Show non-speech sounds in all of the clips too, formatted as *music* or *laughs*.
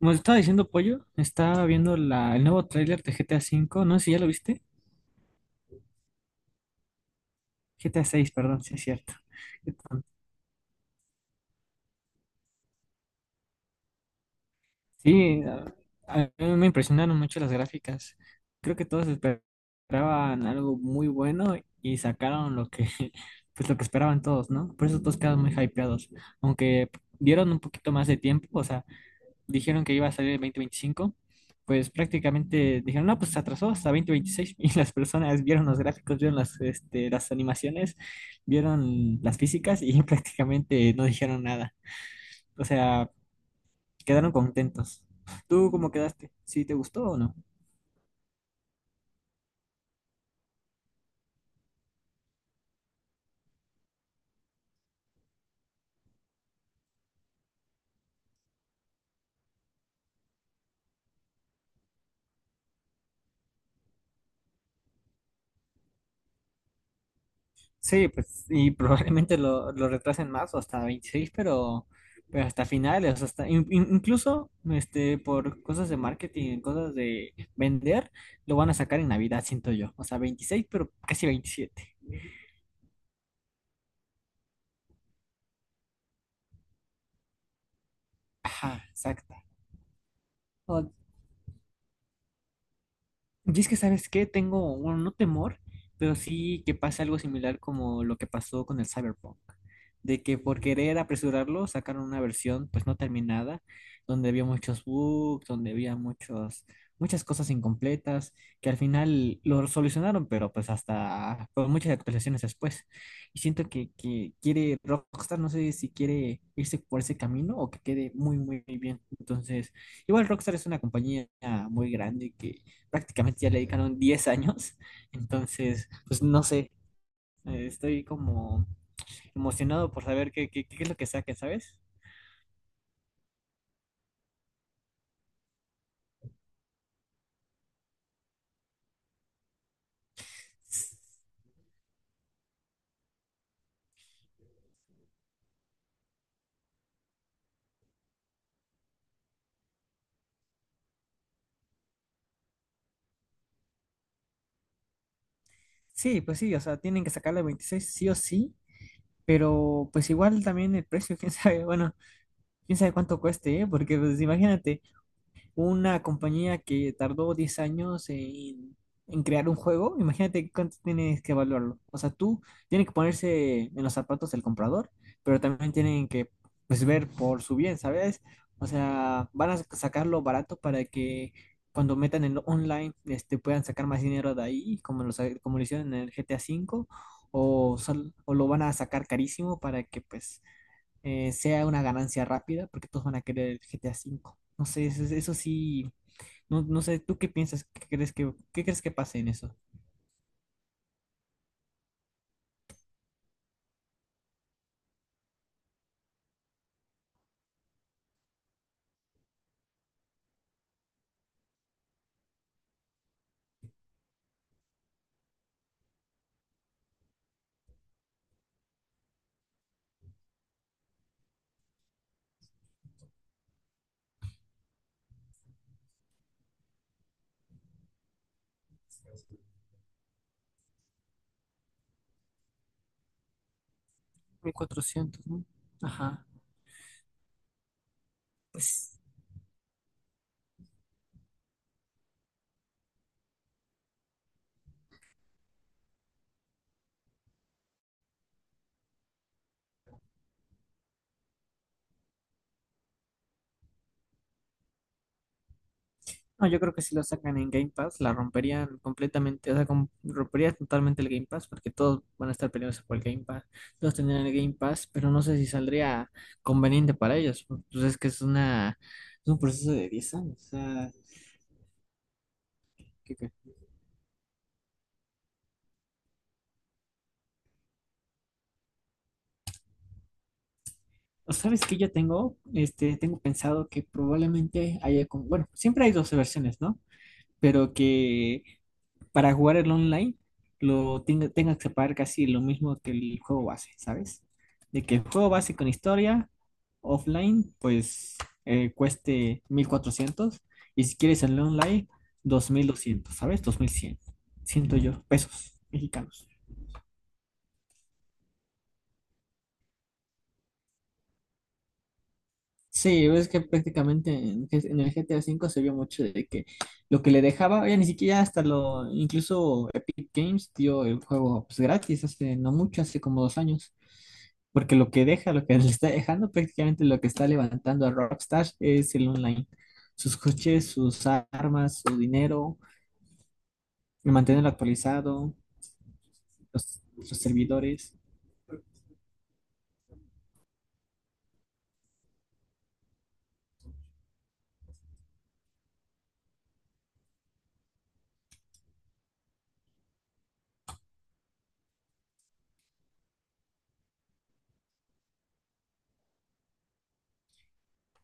Como te estaba diciendo, Pollo, estaba viendo el nuevo tráiler de GTA V, no sé si ya lo viste. GTA VI, perdón, sí es cierto. Qué tonto. Sí, a mí me impresionaron mucho las gráficas. Creo que todos esperaban algo muy bueno y sacaron *laughs* pues lo que esperaban todos, ¿no? Por eso todos quedaron muy hypeados. Aunque dieron un poquito más de tiempo, o sea, dijeron que iba a salir el 2025. Pues prácticamente dijeron, no, pues se atrasó hasta 2026 *laughs* y las personas vieron los gráficos, vieron las animaciones, vieron las físicas y *laughs* prácticamente no dijeron nada. O sea, quedaron contentos. ¿Tú cómo quedaste? ¿Sí te gustó o no? Sí, pues, y probablemente lo retrasen más o hasta 26, pero hasta finales, o sea, hasta incluso por cosas de marketing, cosas de vender, lo van a sacar en Navidad, siento yo. O sea, 26, pero casi 27. Ajá, exacto. Y es que, ¿sabes qué? Tengo, bueno, no temor, pero sí que pase algo similar como lo que pasó con el Cyberpunk. De que por querer apresurarlo sacaron una versión pues no terminada, donde había muchos bugs, donde había muchos, muchas cosas incompletas, que al final lo solucionaron, pero pues hasta con muchas actualizaciones después. Y siento que quiere Rockstar, no sé si quiere irse por ese camino o que quede muy, muy bien. Entonces. Igual Rockstar es una compañía muy grande que prácticamente ya le dedicaron 10 años. Entonces, pues no sé, estoy como emocionado por saber qué es lo que saquen, ¿sabes? S- Sí, pues sí, o sea, tienen que sacarle 26 sí o sí, pero pues igual también el precio, *laughs* quién sabe, bueno, quién sabe cuánto cueste, ¿eh? Porque pues imagínate. Una compañía que tardó 10 años en crear un juego, imagínate cuánto tienes que evaluarlo. O sea, tú tienes que ponerse en los zapatos del comprador, pero también tienen que pues ver por su bien, ¿sabes? O sea, van a sacarlo barato para que cuando metan en lo online puedan sacar más dinero de ahí, como como lo hicieron en el GTA cinco, o lo van a sacar carísimo para que pues sea una ganancia rápida, porque todos van a querer el GTA V. No sé, eso sí, no, no sé. ¿Tú qué piensas? ¿Qué crees qué crees que pase en eso? 1,400, ¿no? Ajá, pues, no, yo creo que si lo sacan en Game Pass, la romperían completamente, o sea, rompería totalmente el Game Pass, porque todos van a estar peleados por el Game Pass, todos tendrían el Game Pass, pero no sé si saldría conveniente para ellos. Pues es que es una, es un proceso de 10 años, o sea, ¿qué? ¿Sabes qué yo tengo? Tengo pensado que probablemente haya como, bueno, siempre hay dos versiones, ¿no? Pero que para jugar el online tenga que pagar casi lo mismo que el juego base, ¿sabes? De que el juego base con historia offline, pues cueste 1,400, y si quieres el online, 2,200, ¿sabes? 2,100, siento yo, pesos mexicanos. Sí, ves que prácticamente en el GTA V se vio mucho de que lo que le dejaba, ya ni siquiera hasta incluso Epic Games dio el juego pues gratis hace no mucho, hace como 2 años, porque lo que *laughs* le está dejando prácticamente lo que está levantando a Rockstar es el online, sus coches, sus armas, su dinero, el mantenerlo actualizado, los servidores.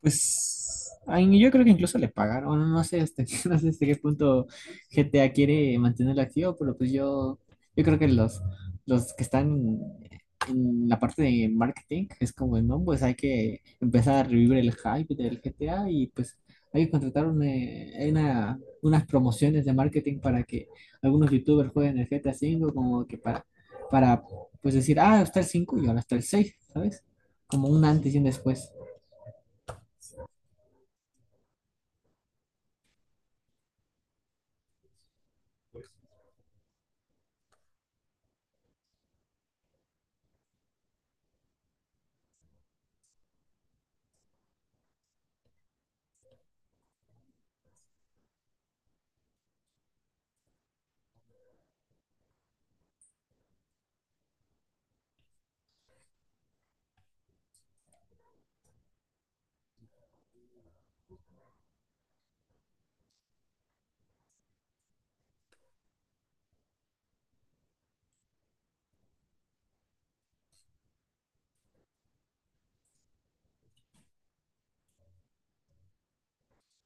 Pues ay, yo creo que incluso le pagaron, bueno, *laughs* no sé hasta qué punto GTA quiere mantenerlo activo, pero pues yo creo que los que están en la parte de marketing es como, no, pues hay que empezar a revivir el hype del GTA y pues hay que contratar unas promociones de marketing para que algunos youtubers jueguen el GTA cinco como que para pues decir, ah, está el 5 y ahora está el seis, ¿sabes? Como un antes y un después.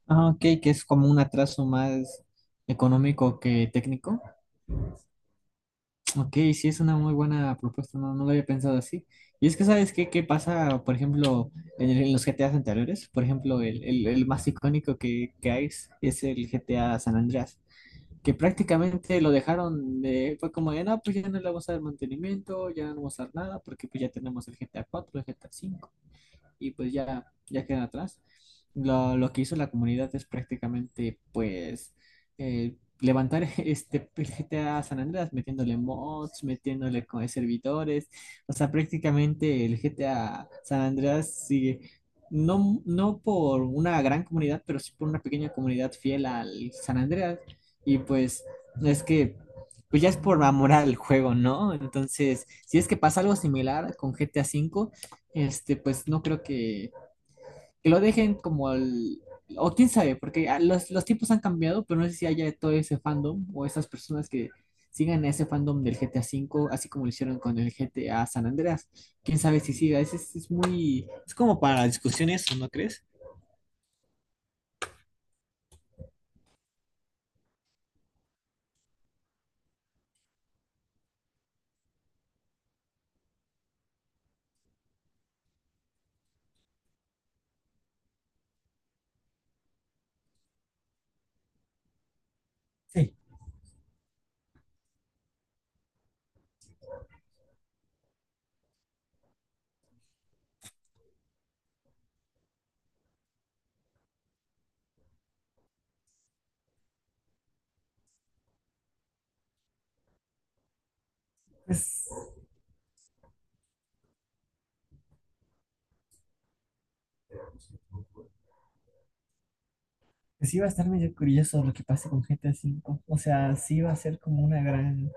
Ah, ok, que es como un atraso más económico que técnico. Ok, sí, es una muy buena propuesta, no, no lo había pensado así. Y es que, ¿sabes qué, qué pasa, por ejemplo, en los GTAs anteriores? Por ejemplo, el más icónico que hay es el GTA San Andreas, que prácticamente lo dejaron de, fue como de, no, pues ya no le vamos a dar mantenimiento, ya no vamos a dar nada, porque pues ya tenemos el GTA cuatro, el GTA cinco y pues ya quedan atrás. Lo que hizo la comunidad es prácticamente pues levantar *laughs* este GTA San Andreas metiéndole mods, metiéndole servidores, o sea, prácticamente el GTA San Andreas sigue. No, no por una gran comunidad, pero sí por una pequeña comunidad fiel al San Andreas. Y pues es que pues ya es por amor al juego, ¿no? Entonces, si es que pasa algo similar con GTA V, pues no creo que lo dejen o quién sabe, porque los tiempos han cambiado, pero no sé si haya todo ese fandom o esas personas que sigan ese fandom del GTA V, así como lo hicieron con el GTA San Andreas. Quién sabe si siga, es como para discusiones, ¿no crees? Sí, pues, pues sí va a estar medio curioso lo que pase con GTA V. O sea, sí va a ser como una gran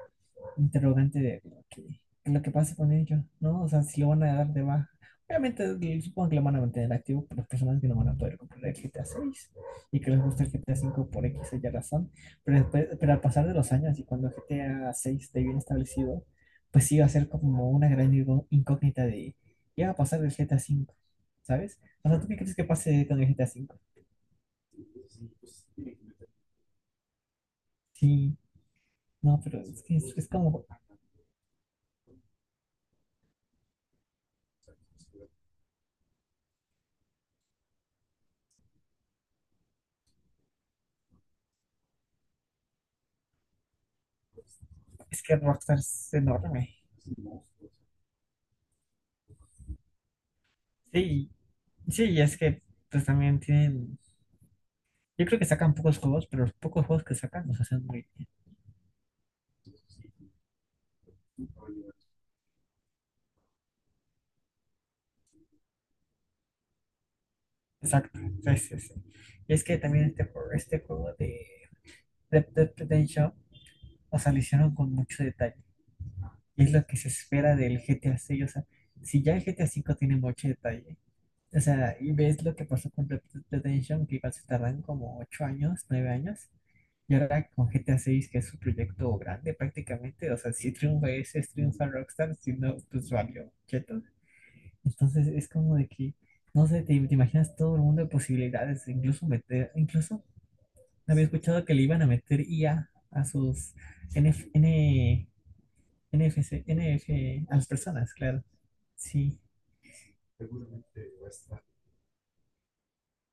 interrogante de lo que pase con ellos, ¿no? O sea, si lo van a dar de baja. Obviamente, supongo que lo van a mantener activo por las personas que no van a poder comprar el GTA 6 y que les gusta el GTA cinco por X o Y razón. Pero, después, pero al pasar de los años y cuando el GTA 6 esté bien establecido, pues sí va a ser como una gran incógnita de qué va a pasar del GTA cinco, ¿sabes? O sea, ¿tú qué crees que pase con el GTA cinco? Sí, no, pero es que es como, es que Rockstar es enorme. Sí, sí, y es que pues también tienen, yo creo que sacan pocos juegos, pero los pocos juegos que sacan los hacen muy exacto. Sí, sí, sí. Y es que también este juego de Red Dead Redemption, o sea, lo hicieron con mucho detalle. Y es lo que se espera del G GTA seis, o sea, si ya el G GTA cinco tiene mucho detalle, o sea, y ves lo que pasó con Red Dead Redemption, que igual se tardan como 8 años, 9 años, y ahora con G GTA 6 que es su proyecto grande prácticamente, o sea, si triunfa ese, es triunfa Rockstar, si no, pues valió, cheto. Entonces es como de que, no sé, te imaginas todo el mundo de posibilidades, incluso había escuchado que le iban a meter i a sus n f N, n f c n f a las personas, claro. Sí,